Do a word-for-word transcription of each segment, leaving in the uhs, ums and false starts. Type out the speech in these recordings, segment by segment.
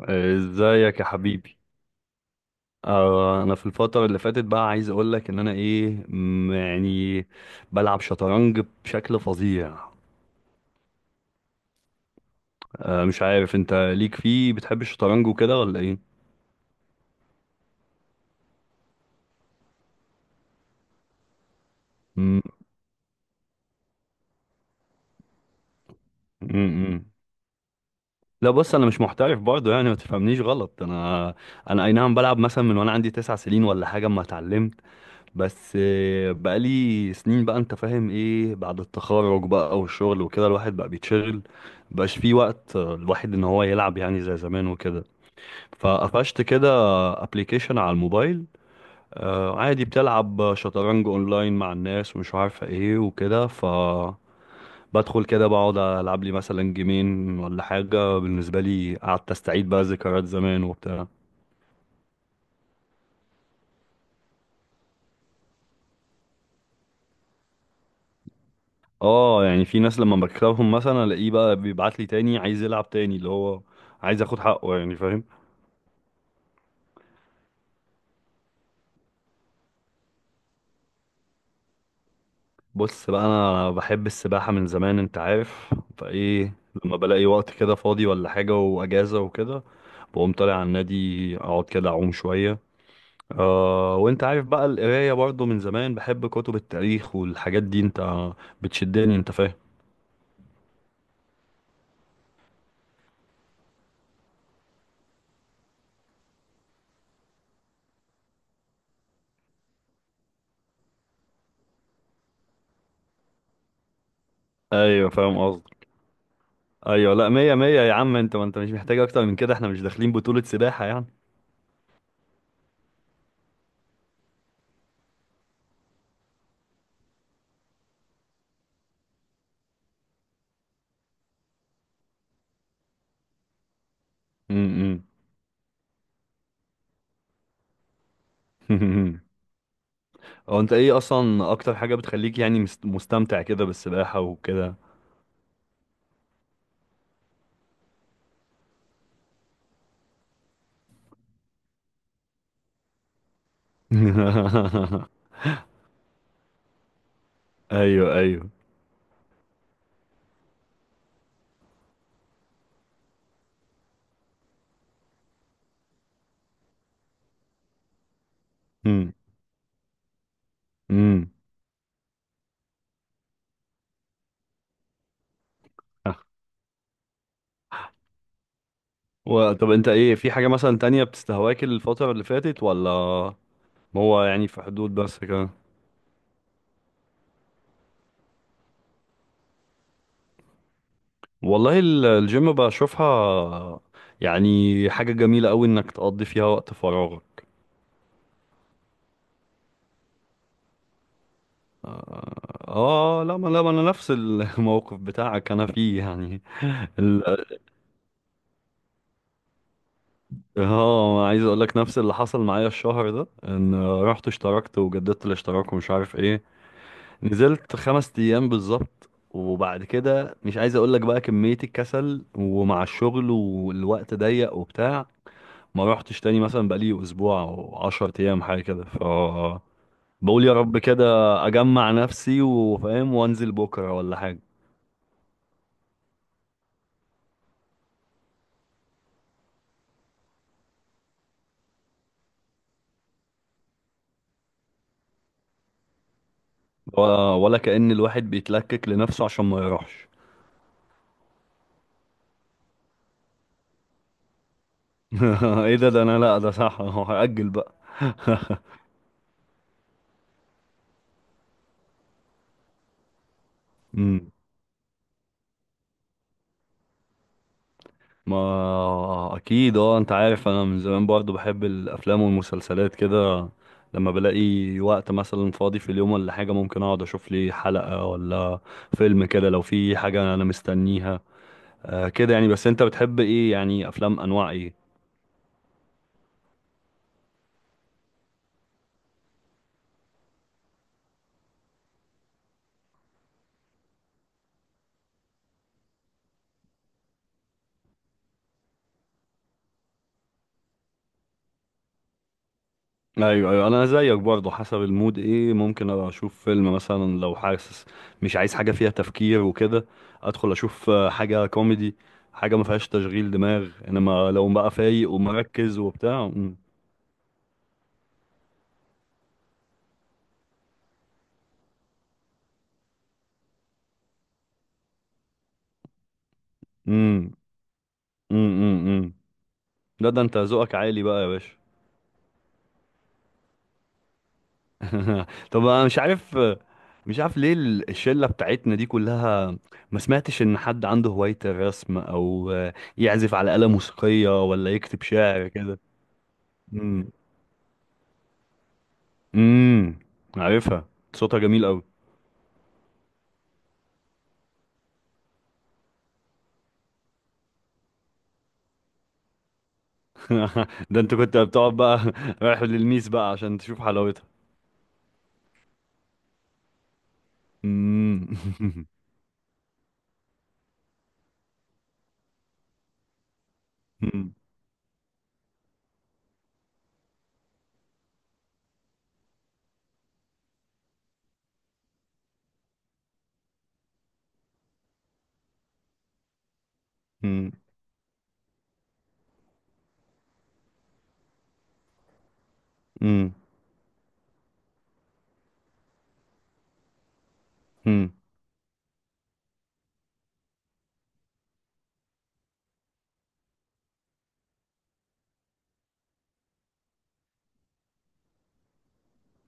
ازيك يا حبيبي. آه انا في الفتره اللي فاتت بقى عايز اقول لك ان انا ايه م- يعني بلعب شطرنج بشكل فظيع. آه مش عارف انت ليك فيه، بتحب الشطرنج وكده ولا ايه؟ م- م- م. لا بص، انا مش محترف برضه، يعني ما تفهمنيش غلط. انا انا اي نعم بلعب مثلا من وانا عندي تسع سنين ولا حاجه اما اتعلمت، بس آه، بقالي سنين بقى، انت فاهم، ايه بعد التخرج بقى والشغل وكده الواحد بقى بيتشغل، مبقاش فيه وقت آه، الواحد ان هو يلعب يعني زي زمان وكده. فقفشت كده ابلكيشن على الموبايل، آه، عادي، بتلعب شطرنج اونلاين مع الناس ومش عارفه ايه وكده، ف بدخل كده بقعد العب لي مثلا جيمين ولا حاجه، بالنسبه لي قعدت استعيد بقى ذكريات زمان وبتاع. اه يعني في ناس لما بكسبهم مثلا الاقيه بقى بيبعت لي تاني عايز يلعب تاني، اللي هو عايز اخد حقه يعني، فاهم. بص بقى، انا بحب السباحة من زمان انت عارف، فايه لما بلاقي وقت كده فاضي ولا حاجة واجازة وكده، بقوم طالع على النادي اقعد كده اعوم شوية. آه وانت عارف بقى القراية برضو من زمان بحب كتب التاريخ والحاجات دي، انت بتشدني انت فاهم. ايوه فاهم قصدك. ايوه لا، مية مية يا عم، انت ما انت مش محتاج اكتر من كده، احنا مش داخلين بطولة سباحة يعني. امم. هو انت ايه اصلا اكتر حاجة بتخليك يعني مست- مستمتع كده بالسباحة وكده؟ ايوه ايوه. امم، امم. و- طب انت ايه، في حاجة مثلا تانية بتستهواك الفترة اللي فاتت ولا هو يعني في حدود بس كده؟ والله ال- الجيم بشوفها يعني حاجة جميلة قوي انك تقضي فيها وقت فراغك. اه آه، لا، ما، لا، ما انا نفس الموقف بتاعك انا فيه يعني. اه، عايز اقول لك نفس اللي حصل معايا الشهر ده، ان رحت اشتركت وجددت الاشتراك ومش عارف ايه، نزلت خمس ايام بالظبط، وبعد كده مش عايز اقول لك بقى كمية الكسل، ومع الشغل والوقت ضيق وبتاع ما روحتش تاني، مثلا بقالي اسبوع او عشر ايام حاجة كده، ف بقول يا رب كده اجمع نفسي وفاهم وانزل بكرة ولا حاجة. و- ولا كأن الواحد بيتلكك لنفسه عشان ما يروحش. ايه ده ده انا لا، ده صح، هأجل بقى. ما اكيد اه، انت عارف انا من زمان برضو بحب الافلام والمسلسلات كده، لما بلاقي وقت مثلا فاضي في اليوم ولا حاجة ممكن اقعد اشوف لي حلقة ولا فيلم كده، لو في حاجة انا مستنيها. آه كده يعني، بس انت بتحب ايه يعني، افلام انواع ايه؟ ايوه ايوه، انا زيك برضو حسب المود، ايه ممكن ابقى اشوف فيلم مثلا لو حاسس مش عايز حاجة فيها تفكير وكده، ادخل اشوف آه، حاجة كوميدي، حاجة ما فيهاش تشغيل دماغ، انما لو بقى فايق ومركز وبتاع. امم، امم، امم، امم. لا ده انت ذوقك عالي بقى يا باشا. طب انا مش عارف، مش عارف ليه ال- الشله بتاعتنا دي كلها ما سمعتش ان حد عنده هوايه الرسم، او يعزف على آلة موسيقيه، ولا يكتب شعر كده. امم، امم. عارفها، صوتها جميل قوي. ده انت كنت بتقعد بقى. رايح للميس بقى عشان تشوف حلاوتها. امم. امم، امم، امم،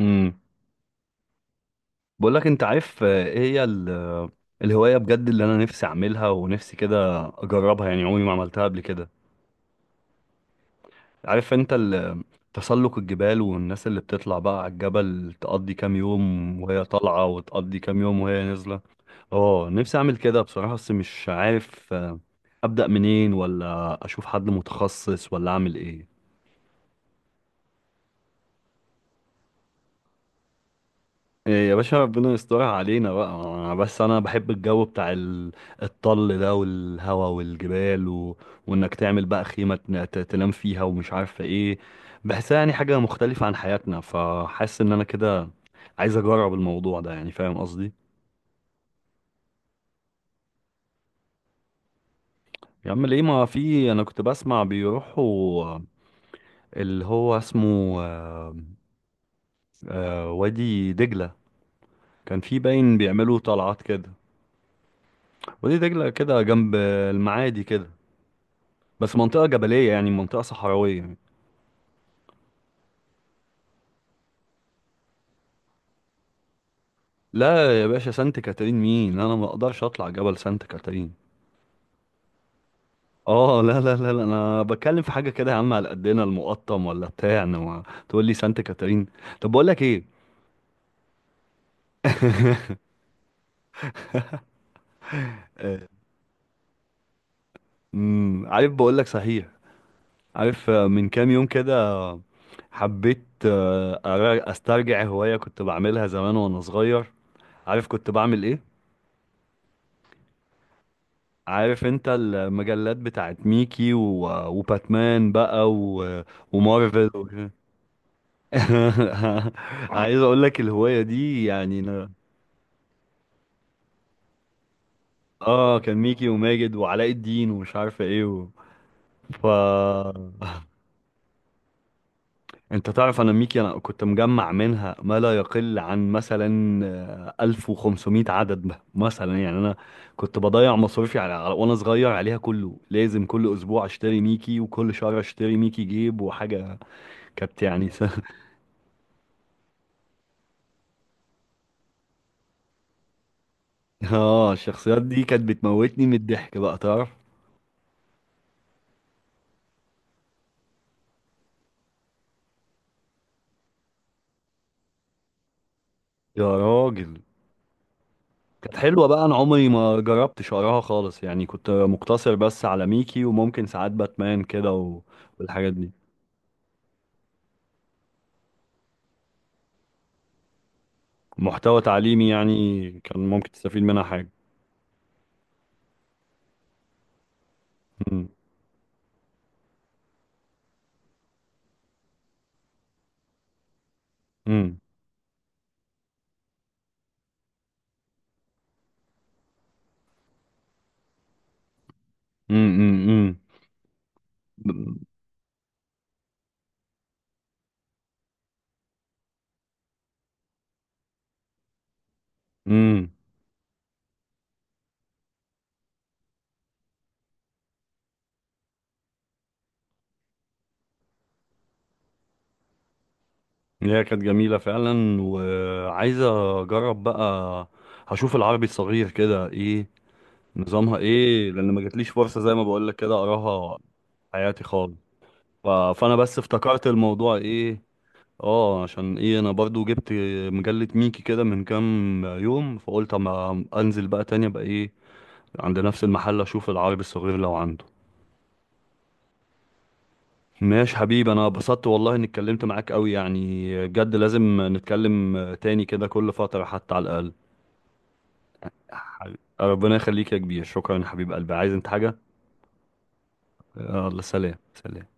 امم. بقول لك انت عارف، آه، ايه هي ال- آه، الهواية بجد اللي انا نفسي اعملها ونفسي كده اجربها، يعني عمري ما عملتها قبل كده. عارف انت ال- آه، تسلق الجبال، والناس اللي بتطلع بقى على الجبل تقضي كام يوم وهي طالعة وتقضي كام يوم وهي نازلة؟ اه نفسي اعمل كده بصراحة، بس مش عارف آه، ابدأ منين، ولا اشوف حد متخصص، ولا اعمل ايه. إيه يا باشا، ربنا يسترها علينا بقى، أنا بس انا بحب الجو بتاع ال- الطل ده والهوا والجبال، و... وانك تعمل بقى خيمة تن- ت- تنام فيها ومش عارفة ايه، بحسها يعني حاجة مختلفة عن حياتنا، فحاسس ان انا كده عايز اجرب الموضوع ده يعني، فاهم قصدي. يا عم ليه، ما في، انا كنت بسمع بيروحوا اللي هو اسمه آه، آه، وادي دجلة، كان في باين بيعملوا طلعات كده. وادي دجلة كده جنب المعادي كده، بس منطقة جبلية يعني، منطقة صحراوية يعني. لا يا باشا، سانت كاترين مين، انا ما اقدرش اطلع جبل سانت كاترين. اه لا، لا، لا، لا، انا بتكلم في حاجة كده يا عم على قدنا، المقطم ولا بتاع، انما تقول لي سانت كاترين. طب بقول لك ايه، آه، امم، عارف بقول لك صحيح، عارف آه، من كام يوم كده حبيت آه، أرا- استرجع هواية كنت بعملها زمان وانا صغير، عارف كنت بعمل ايه؟ عارف انت المجلات بتاعت ميكي و... وباتمان بقى و... ومارفل وكده. عايز اقول لك الهواية دي يعني انا، اه كان ميكي وماجد وعلاء الدين ومش عارفة ايه. و... ف انت تعرف انا ميكي، انا كنت مجمع منها ما لا يقل عن مثلا آه، ألف وخمسمية عدد م- مثلا يعني، انا كنت بضيع مصروفي على على- وانا صغير عليها كله، لازم كل اسبوع اشتري ميكي وكل شهر اشتري ميكي جيب وحاجة. كانت يعني اه الشخصيات دي كانت بتموتني من الضحك بقى، تعرف. يا راجل، كانت حلوة بقى، انا عمري ما جربت شعرها خالص يعني، كنت مقتصر بس على ميكي وممكن ساعات باتمان كده. و- والحاجات دي محتوى تعليمي يعني، كان ممكن تستفيد منها حاجة. امم، امم، امم، امم، امم. هي كانت جميلة فعلا، وعايزة اجرب بقى، هشوف العربي الصغير كده ايه، نظامها ايه، لان ما جاتليش فرصة زي ما بقولك كده اقراها حياتي خالص. ف- فانا بس افتكرت الموضوع ايه، اه عشان ايه انا برضو جبت مجلة ميكي كده من كام يوم، فقلت اما انزل بقى تاني ابقى ايه عند نفس المحل اشوف العربي الصغير لو عنده. ماشي حبيبي، انا اتبسطت والله اني اتكلمت معاك قوي يعني، بجد لازم نتكلم تاني كده كل فترة حتى على الاقل. حبيبي- ربنا يخليك يا كبير، شكرا يا حبيب قلبي، عايز انت حاجة؟ يلا سلام سلام.